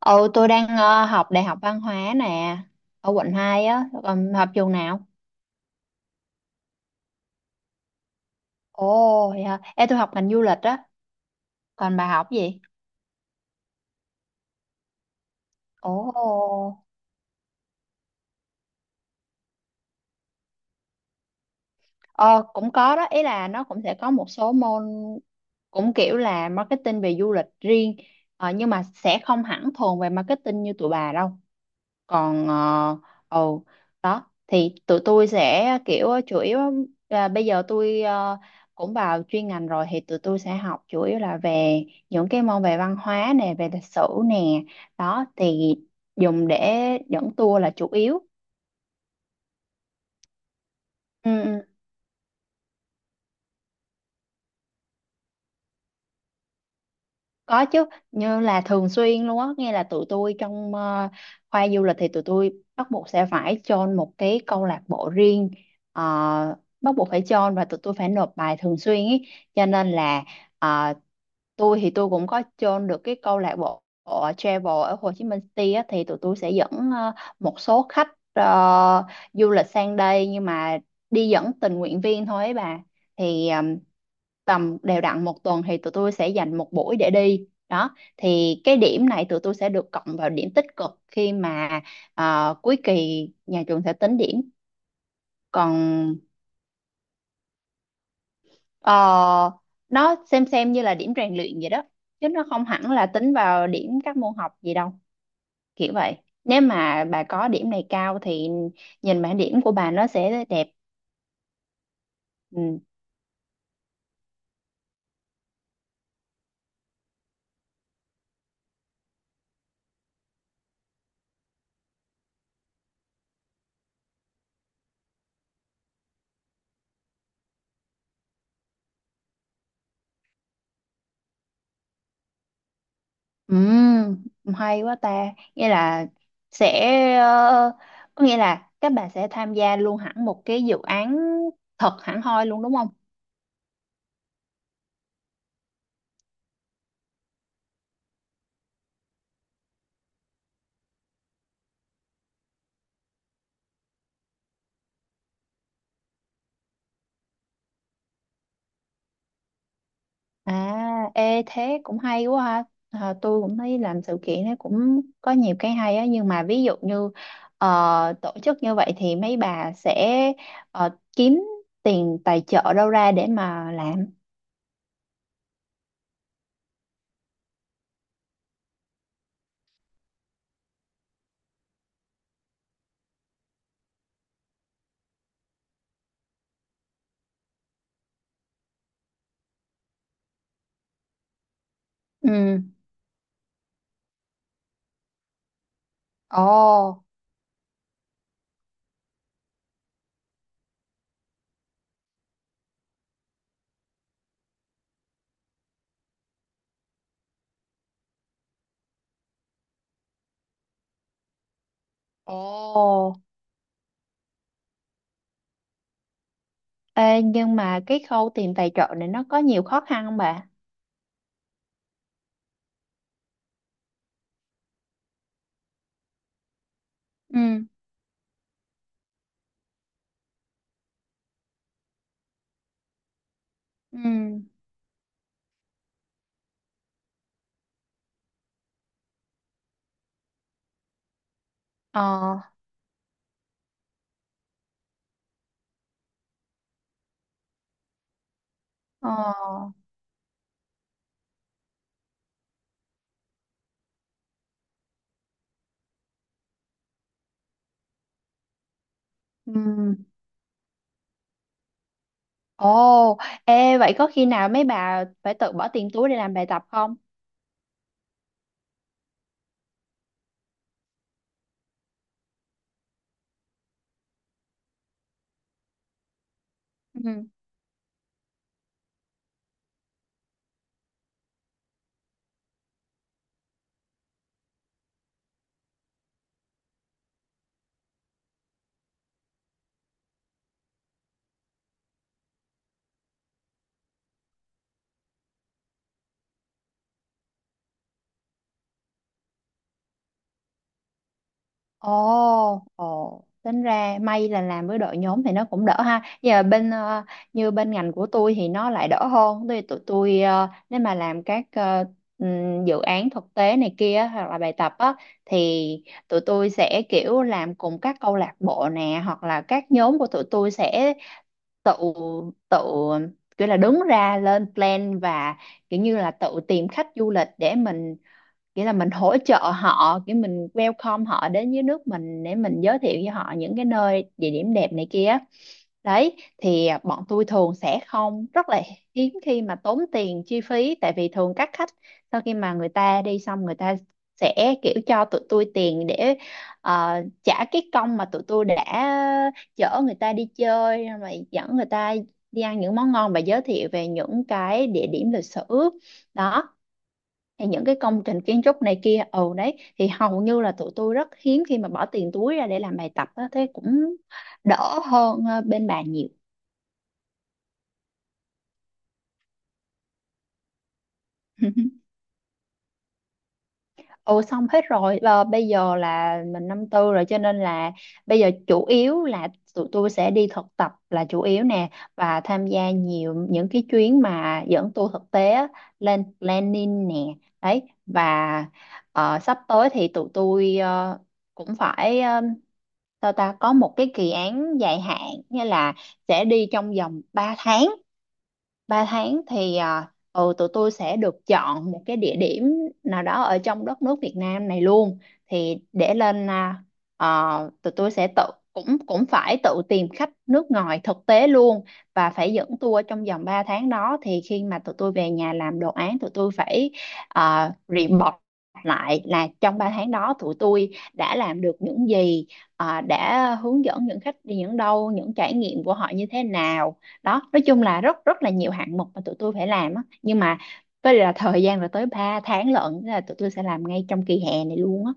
Ừ, tôi đang học Đại học Văn hóa nè, ở quận 2 á, còn học trường nào? Ồ, vậy hả? Ê, tôi học ngành du lịch á, còn bà học gì? Ồ, ờ, cũng có đó, ý là nó cũng sẽ có một số môn cũng kiểu là marketing về du lịch riêng, nhưng mà sẽ không hẳn thuần về marketing như tụi bà đâu. Còn ồ, đó thì tụi tôi sẽ kiểu chủ yếu là bây giờ tôi cũng vào chuyên ngành rồi, thì tụi tôi sẽ học chủ yếu là về những cái môn về văn hóa nè, về lịch sử nè, đó thì dùng để dẫn tour là chủ yếu. Ừ, ừ. Có chứ, như là thường xuyên luôn á, nghe là tụi tôi trong khoa du lịch thì tụi tôi bắt buộc sẽ phải join một cái câu lạc bộ riêng, bắt buộc phải join và tụi tôi phải nộp bài thường xuyên ý. Cho nên là ờ, tôi thì tôi cũng có join được cái câu lạc bộ ở travel ở Hồ Chí Minh City á, thì tụi tôi sẽ dẫn một số khách ờ, du lịch sang đây nhưng mà đi dẫn tình nguyện viên thôi ấy bà. Thì tầm đều đặn một tuần thì tụi tôi sẽ dành một buổi để đi, đó thì cái điểm này tụi tôi sẽ được cộng vào điểm tích cực khi mà cuối kỳ nhà trường sẽ tính điểm. Còn ờ, nó xem như là điểm rèn luyện vậy đó, chứ nó không hẳn là tính vào điểm các môn học gì đâu. Kiểu vậy, nếu mà bà có điểm này cao thì nhìn bảng điểm của bà nó sẽ đẹp. Ừ. Ừm, hay quá ta. Nghĩa là sẽ ờ, Có nghĩa là các bạn sẽ tham gia luôn hẳn một cái dự án thật hẳn hoi luôn đúng không? À, ê thế cũng hay quá ha. À, tôi cũng thấy làm sự kiện nó cũng có nhiều cái hay á, nhưng mà ví dụ như ờ, tổ chức như vậy thì mấy bà sẽ kiếm tiền tài trợ đâu ra để mà làm. Ừ. Ồ. Ồ. Ê, nhưng mà cái khâu tìm tài trợ này nó có nhiều khó khăn không bà? Ừ, ừ. Ờ, ờ, ừ. Ồ, ê, vậy có khi nào mấy bà phải tự bỏ tiền túi để làm bài tập không? Ồ, ồ, tính ra may là làm với đội nhóm thì nó cũng đỡ ha. Giờ bên như bên ngành của tôi thì nó lại đỡ hơn. Tụi tôi nếu mà làm các dự án thực tế này kia hoặc là bài tập á, thì tụi tôi sẽ kiểu làm cùng các câu lạc bộ nè, hoặc là các nhóm của tụi tôi sẽ tự tự kiểu là đứng ra lên plan và kiểu như là tự tìm khách du lịch để mình, nghĩa là mình hỗ trợ họ, cái mình welcome họ đến với nước mình để mình giới thiệu với họ những cái nơi địa điểm đẹp này kia. Đấy thì bọn tôi thường sẽ không, rất là hiếm khi mà tốn tiền chi phí, tại vì thường các khách sau khi mà người ta đi xong, người ta sẽ kiểu cho tụi tôi tiền để ờ, trả cái công mà tụi tôi đã chở người ta đi chơi, mà dẫn người ta đi ăn những món ngon và giới thiệu về những cái địa điểm lịch sử đó, thì những cái công trình kiến trúc này kia. Ừ, đấy thì hầu như là tụi tôi rất hiếm khi mà bỏ tiền túi ra để làm bài tập á, thế cũng đỡ hơn bên bà nhiều. Ừ, xong hết rồi. Ờ, bây giờ là mình năm tư rồi cho nên là bây giờ chủ yếu là tụi tôi sẽ đi thực tập là chủ yếu nè, và tham gia nhiều những cái chuyến mà dẫn tour thực tế á, lên planning nè, đấy và sắp tới thì tụi tôi cũng phải, sao ta, có một cái kỳ án dài hạn, nghĩa là sẽ đi trong vòng 3 tháng. 3 tháng thì à, ừ, tụi tôi sẽ được chọn một cái địa điểm nào đó ở trong đất nước Việt Nam này luôn, thì để lên à, tụi tôi sẽ tự, cũng cũng phải tự tìm khách nước ngoài thực tế luôn và phải dẫn tour trong vòng 3 tháng. Đó thì khi mà tụi tôi về nhà làm đồ án, tụi tôi phải report lại là trong 3 tháng đó tụi tôi đã làm được những gì, à, đã hướng dẫn những khách đi những đâu, những trải nghiệm của họ như thế nào. Đó, nói chung là rất rất là nhiều hạng mục mà tụi tôi phải làm á, nhưng mà với là thời gian là tới 3 tháng lận, thế là tụi tôi sẽ làm ngay trong kỳ hè này luôn á.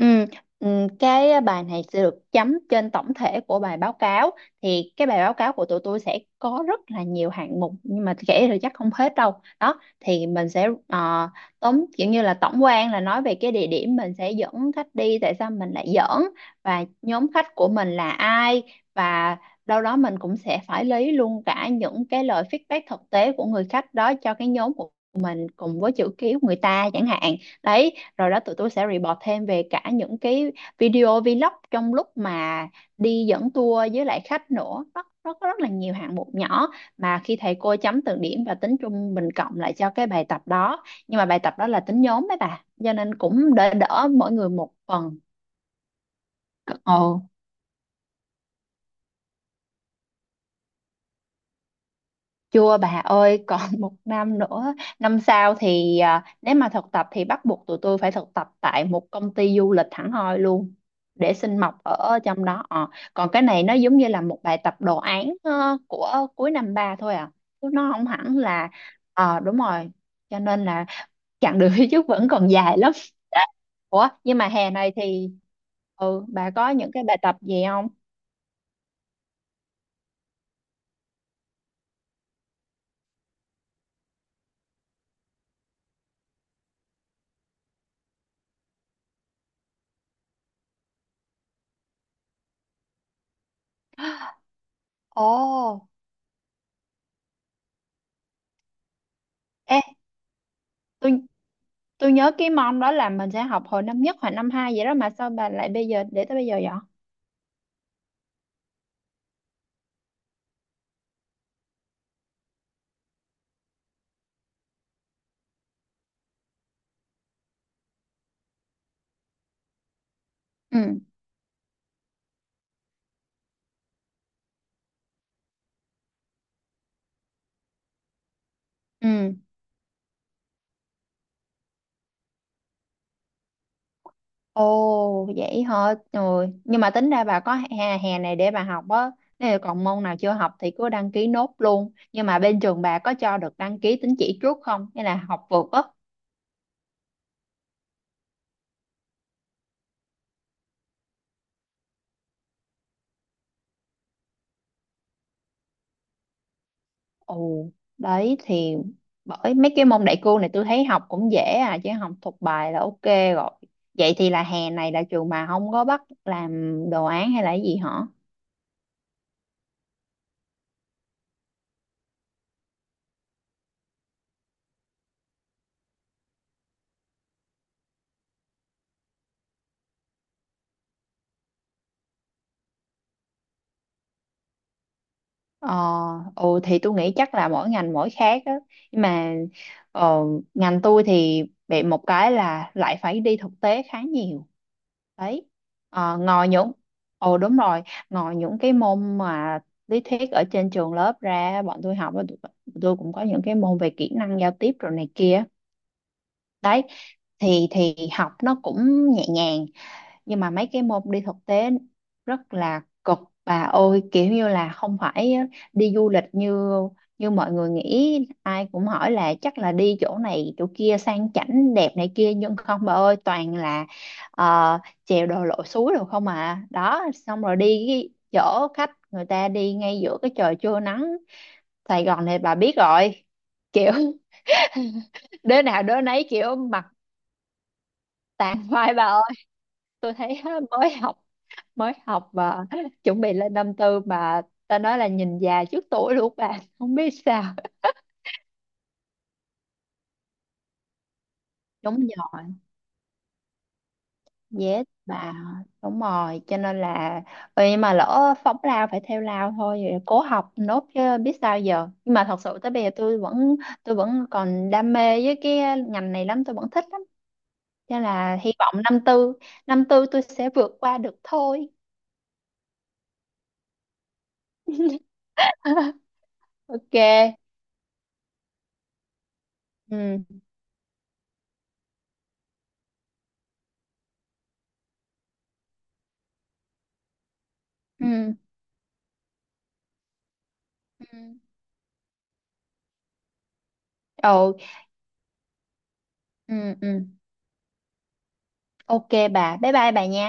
Ừ, ừ, cái bài này sẽ được chấm trên tổng thể của bài báo cáo. Thì cái bài báo cáo của tụi tôi sẽ có rất là nhiều hạng mục, nhưng mà kể thì chắc không hết đâu. Đó thì mình sẽ tóm kiểu như là tổng quan, là nói về cái địa điểm mình sẽ dẫn khách đi, tại sao mình lại dẫn và nhóm khách của mình là ai, và đâu đó mình cũng sẽ phải lấy luôn cả những cái lời feedback thực tế của người khách đó cho cái nhóm của, cùng với chữ ký của người ta chẳng hạn. Đấy, rồi đó tụi tôi sẽ report thêm về cả những cái video vlog trong lúc mà đi dẫn tour với lại khách nữa. Nó có rất là nhiều hạng mục nhỏ mà khi thầy cô chấm từng điểm và tính trung bình cộng lại cho cái bài tập đó, nhưng mà bài tập đó là tính nhóm đấy bà, cho nên cũng đỡ đỡ, mỗi người một phần. Ồ. Chưa bà ơi, còn một năm nữa. Năm sau thì à, nếu mà thực tập thì bắt buộc tụi tôi phải thực tập tại một công ty du lịch hẳn hoi luôn để xin mọc ở trong đó. Ờ, còn cái này nó giống như là một bài tập đồ án của cuối năm ba thôi à. Chứ nó không hẳn là. Đúng rồi. Cho nên là chặng đường phía trước vẫn còn dài lắm. Ủa, nhưng mà hè này thì, ừ, bà có những cái bài tập gì không? Ồ, ê, tôi Tôi nhớ cái môn đó là mình sẽ học hồi năm nhất hoặc năm hai vậy đó, mà sao bà lại bây giờ để tới bây giờ vậy? Ừ. Ừ. Ồ, vậy hả? Rồi. Nhưng mà tính ra bà có hè này để bà học á. Nếu còn môn nào chưa học thì cứ đăng ký nốt luôn. Nhưng mà bên trường bà có cho được đăng ký tín chỉ trước không? Hay là học vượt á? Ồ, đấy thì bởi mấy cái môn đại cương này tôi thấy học cũng dễ à, chứ học thuộc bài là ok rồi. Vậy thì là hè này là trường bà không có bắt làm đồ án hay là cái gì hả? Ờ, ừ thì tôi nghĩ chắc là mỗi ngành mỗi khác á. Nhưng mà ờ, ngành tôi thì bị một cái là lại phải đi thực tế khá nhiều. Đấy. Ờ, ngoài những Ồ đúng rồi, ngoài những cái môn mà lý thuyết ở trên trường lớp ra bọn tôi học á, tôi cũng có những cái môn về kỹ năng giao tiếp rồi này kia. Đấy. Thì học nó cũng nhẹ nhàng, nhưng mà mấy cái môn đi thực tế rất là cực bà ơi, kiểu như là không phải đi du lịch như như mọi người nghĩ. Ai cũng hỏi là chắc là đi chỗ này chỗ kia sang chảnh đẹp này kia, nhưng không bà ơi, toàn là ờ, chèo đồ lội suối rồi không à, đó xong rồi đi cái chỗ khách người ta đi ngay giữa cái trời trưa nắng Sài Gòn này bà biết rồi, kiểu đứa nào đứa nấy kiểu mặt tàn phai bà ơi. Tôi thấy á, mới học và chuẩn bị lên năm tư mà, ta nói là nhìn già trước tuổi luôn bà, không biết sao. Đúng rồi, dễ bà. Đúng rồi, cho nên là, ừ, nhưng mà lỡ phóng lao phải theo lao thôi, vậy cố học nốt chứ biết sao giờ. Nhưng mà thật sự tới bây giờ tôi vẫn còn đam mê với cái ngành này lắm, tôi vẫn thích lắm. Cho nên là hy vọng năm tư tôi sẽ vượt qua được thôi. Ok. Ừ. Ừ. Ừ. Ừ. Ừ. Ừ. Ok bà, bye bye bà nha.